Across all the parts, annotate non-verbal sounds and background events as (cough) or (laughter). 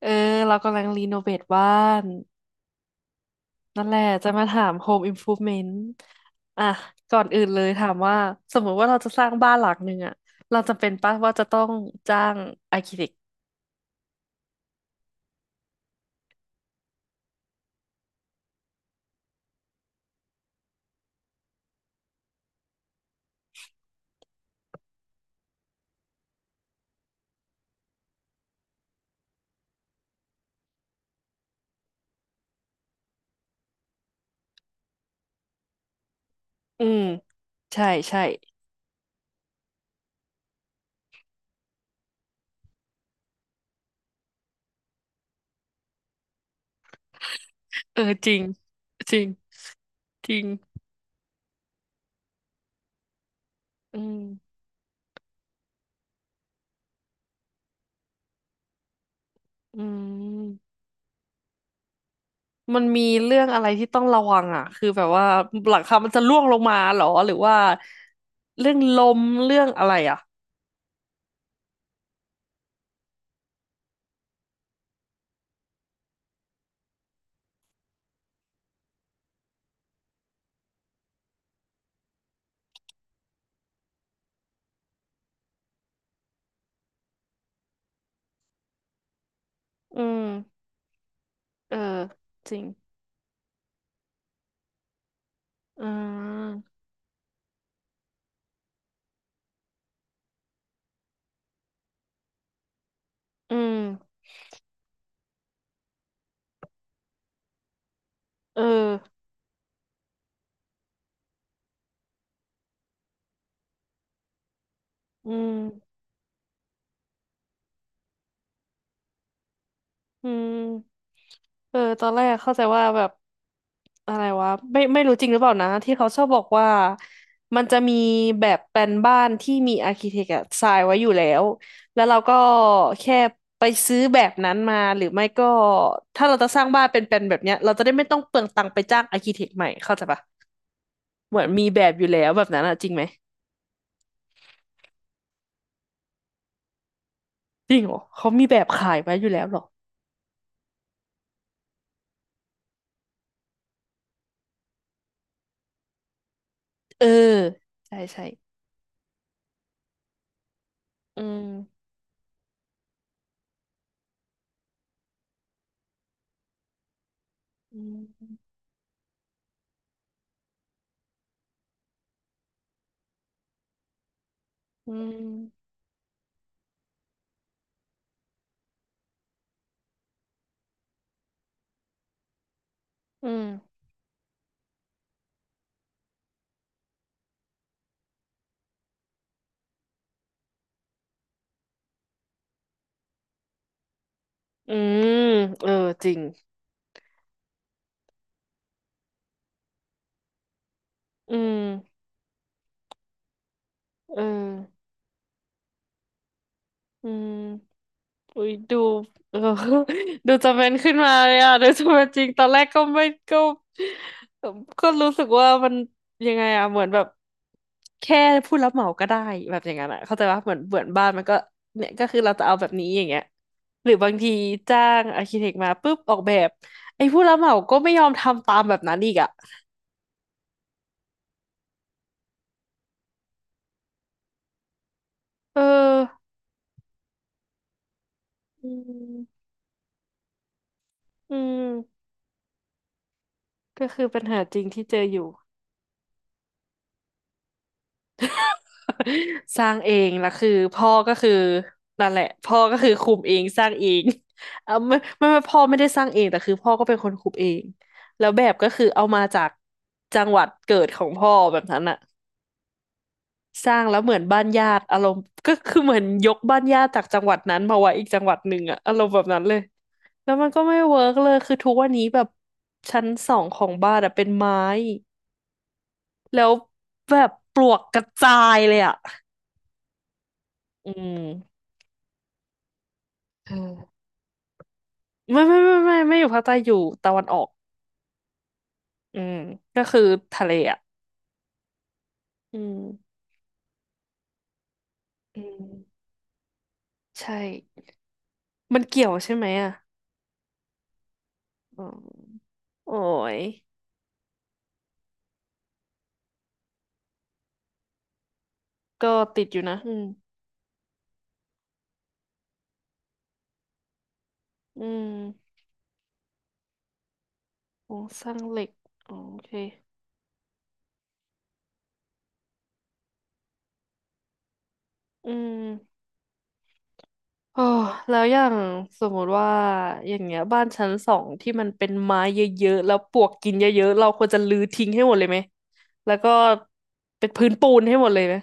เออเรากำลังรีโนเวทบ้านนั่นแหละจะมาถาม Home Improvement อ่ะก่อนอื่นเลยถามว่าสมมติว่าเราจะสร้างบ้านหลังหนึ่งอ่ะเราจำเป็นปะว่าจะต้องจ้างอาร์คิเทอืมใช่ใช่เออจริงจริงจริงอืมอืมมันมีเรื่องอะไรที่ต้องระวังอ่ะคือแบบว่าหลังคามันจะร่วงลงมาเหรอหรือว่าเรื่องลมเรื่องอะไรอ่ะอืมเออจริงอืม อืมเอออืมอืมเออตอนแรกเข้าใจว่าแบบอะไรวะไม่ไม่รู้จริงหรือเปล่านะที่เขาชอบบอกว่ามันจะมีแบบแปลนบ้านที่มีอาร์คิเทคอะทรายไว้อยู่แล้วแล้วเราก็แค่ไปซื้อแบบนั้นมาหรือไม่ก็ถ้าเราจะสร้างบ้านเป็นแปลนแบบเนี้ยเราจะได้ไม่ต้องเปลืองตังค์ไปจ้างอาร์คิเทคใหม่เข้าใจปะเหมือนมีแบบอยู่แล้วแบบนั้นอะจริงไหมจริงเหรอเขามีแบบขายไว้อยู่แล้วเหรอเออใช่ใช่อืม อืมอืมอืมอืมเออจริงอืมเอออืมอุ้ยดูเออ (laughs) ดูจะเป็นขึ้นมาเลยอ่ะดูจะเป็นจริงตอนแรกก็ไม่ก็เอ่อก็รู้สึกว่ามันยังไงอ่ะเหมือนแบบแค่ผู้รับเหมาก็ได้แบบอย่างนั้นอ่ะเข้าใจว่าเหมือนเหมือนบ้านมันก็เนี่ยก็คือเราจะเอาแบบนี้อย่างเงี้ยหรือบางทีจ้างอาร์คิเทคมาปุ๊บออกแบบไอ้ผู้รับเหมาก็ไม่ยอมทำตามแบบนั้นอีกอ่ะเอออืม อืมก็คือปัญหาจริงที่เจออยู่ (laughs) สร้างเองแล้วคือพ่อก็คือนั่นแหละพ่อก็คือคุมเองสร้างเอง (laughs) เอาไม่ไม่ไม่พ่อไม่ได้สร้างเองแต่คือพ่อก็เป็นคนคุมเองแล้วแบบก็คือเอามาจากจังหวัดเกิดของพ่อแบบนั้นอะสร้างแล้วเหมือนบ้านญาติอารมณ์ก็คือเหมือนยกบ้านญาติจากจังหวัดนั้นมาไว้อีกจังหวัดหนึ่งอะอารมณ์แบบนั้นเลยแล้วมันก็ไม่เวิร์กเลยคือทุกวันนี้แบบชั้นสองของบ้านอะเป็นไม้ แล้วแบบปลวกกระจายเลยอ่ะ อืมเออไม่ไม่ไม่ไม่ไม่อยู่ภาคใต้อยู่ตะวันออก อืมก็คือทะเลอ่ะ อืมอืมใช่ มันเกี่ยวใช่ไหมอ่ะอืมโอ้ย ก็ติดอยู่นะ อืมอืมโครงสร้างเหล็กอ๋อโอเค อืม โอ้แล้วอย่างสมมุติว่าอย่างเงี้ยบ้านชั้นสองที่มันเป็นไม้เยอะๆแล้วปลวกกินเยอะๆเราควรจะรื้อทิ้งให้หมดเลยไหมแล้วก็เป็นพื้นปูนให้หมดเลยไหม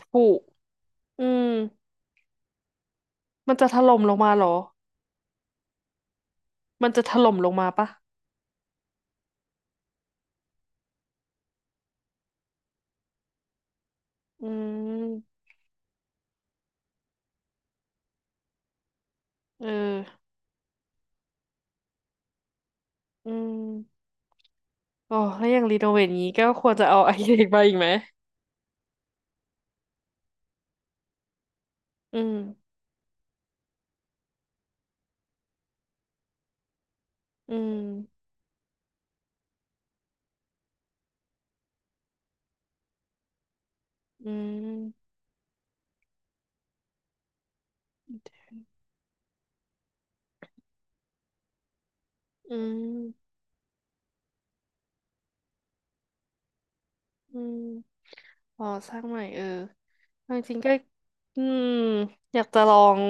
ผุอืมมันจะถล่มลงมาเหรอมันจะถล่มลงมาปะอืมเอออืมโอ้แล้วอย่างรีโนเวทงี้ก็ควรจะเอา (laughs) ไอเด็กมาอีกไหมอืมอืมอืมอืม อืมอ๋อสร้างใหม่เออเอาจริงๆก็อืมอยากจะลอง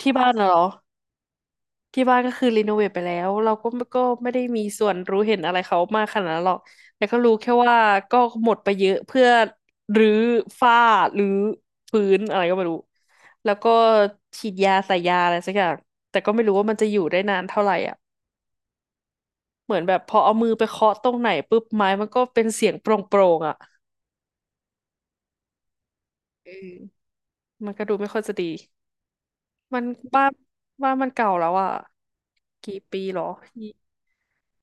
ที่บ้านน่ะเหรอที่บ้านก็คือรีโนเวทไปแล้วเราก็ก็ไม่ได้มีส่วนรู้เห็นอะไรเขามากขนาดนั้นหรอกแต่ก็รู้แค่ว่าก็หมดไปเยอะเพื่อรื้อฝ้ารื้อพื้นอะไรก็ไม่รู้แล้วก็ฉีดยาใส่ยาอะไรสักอย่างแต่ก็ไม่รู้ว่ามันจะอยู่ได้นานเท่าไหร่อ่ะเหมือนแบบพอเอามือไปเคาะตรงไหนปุ๊บไม้มันก็เป็นเสียงโปร่งๆอ่ะเออมันก็ดูไม่ค่อยจะดี มันบ้านบ้านมันเก่าแล้วอ่ะกี่ปีหรอยี่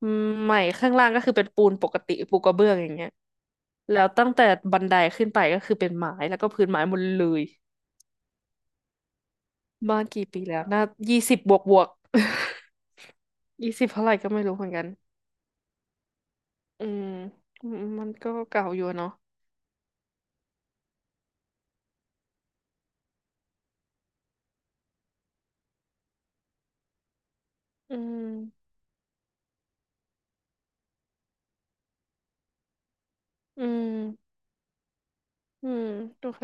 อืมใหม่ข้างล่างก็คือเป็นปูนปกติปูกระเบื้องอย่างเงี้ยแล้วตั้งแต่บันไดขึ้นไปก็คือเป็นไม้แล้วก็พื้นไม้หมดเลยบ้านกี่ปีแล้วน่ายี่สิบบวกบวก (laughs) 20เท่าไหร่ก็ไม่รู้เหมือนกันอืมอืมมันก็เก่าอยู่อะเนาะอืมอืมอืมโอเค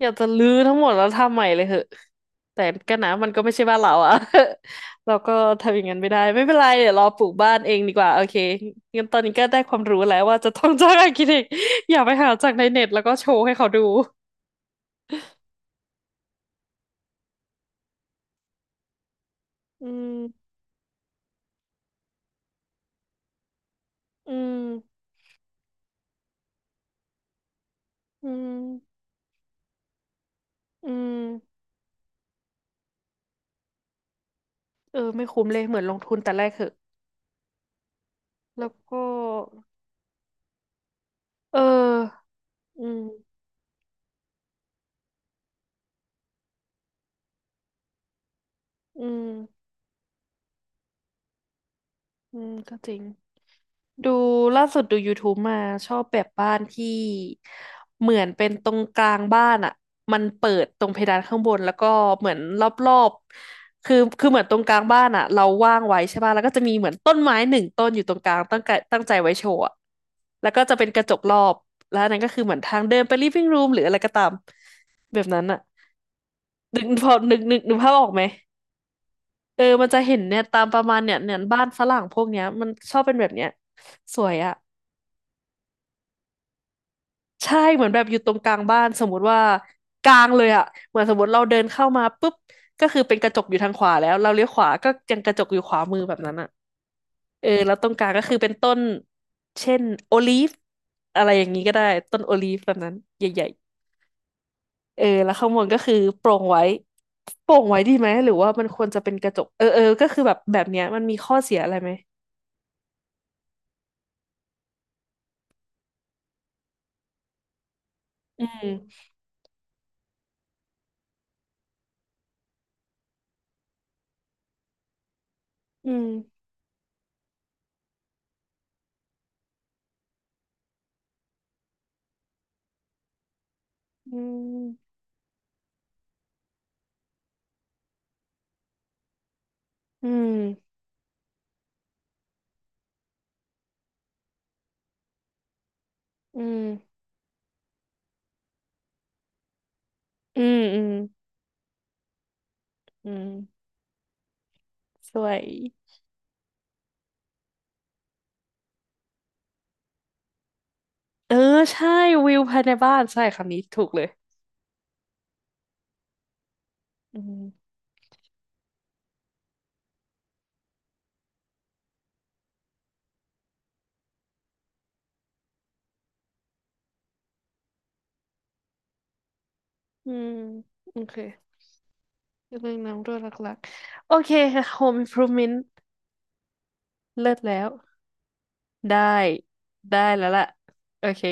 อยากจะรื้อทั้งหมดแล้วทำใหม่เลยเหอะแต่ก็นะมันก็ไม่ใช่บ้านเราอะ (laughs) เราก็ทำอย่างนั้นไม่ได้ไม่เป็นไรเดี๋ยวรอปลูกบ้านเองดีกว่าโอเคงั้นตอนนี้ก็ได้ความรู้แล้วว่าจะต้องจ้างอาร์คิเทค (laughs) อย่าไปหาจากในเน็ตแล้วก็โชว์ให้เขาดูอืมอืมอืมอืมเออไม่คุ้มเลยเหมือนลงทุนแต่แรกเหอะแล้วก็เอออืมอืมอืมก็จริง ดูล่าสุดดู YouTube มาชอบแบบบ้านที่เหมือนเป็นตรงกลางบ้านอ่ะมันเปิดตรงเพดานข้างบนแล้วก็เหมือนรอบๆคือเหมือนตรงกลางบ้านอ่ะเราว่างไว้ใช่ป่ะแล้วก็จะมีเหมือนต้นไม้หนึ่งต้นอยู่ตรงกลางตั้งใจตั้งใจไว้โชว์อะแล้วก็จะเป็นกระจกรอบแล้วอันนั้นก็คือเหมือนทางเดินไป living room หรืออะไรก็ตามแบบนั้นอ่ะนึกพอนึกนึกนึกภาพออกไหมเออมันจะเห็นเนี่ยตามประมาณเนี่ยเนี่ยบ้านฝรั่งพวกเนี้ยมันชอบเป็นแบบเนี้ยสวยอะ ใช่เหมือนแบบอยู่ตรงกลางบ้านสมมติว่ากลางเลยอะเหมือนสมมติเราเดินเข้ามาปุ๊บก็คือเป็นกระจกอยู่ทางขวาแล้วเราเลี้ยวขวาก็ยังกระจกอยู่ขวามือแบบนั้นอะเออแล้วตรงกลางก็คือเป็นต้นเช่นโอลีฟอะไรอย่างนี้ก็ได้ต้นโอลีฟแบบนั้นใหญ่ๆเออแล้วข้างบนก็คือโปร่งไว้โปร่งไว้ดีไหมหรือว่ามันควรจะเป็นกระจกเออเออก็คือแบบแบบเนี้ยมันมีข้อเสียอะไรไหมอืมอืมอืมอืมอืมอืมอืมอืมสวย เออใช่วิวภายในบ้านใช่คำนี้ถูกเลยอืมอืมโอเคเรื่องน้ำรั่วหลักๆโอเคค่ะ Home Improvement เลิศแล้วได้ได้แล้วล่ะโอเค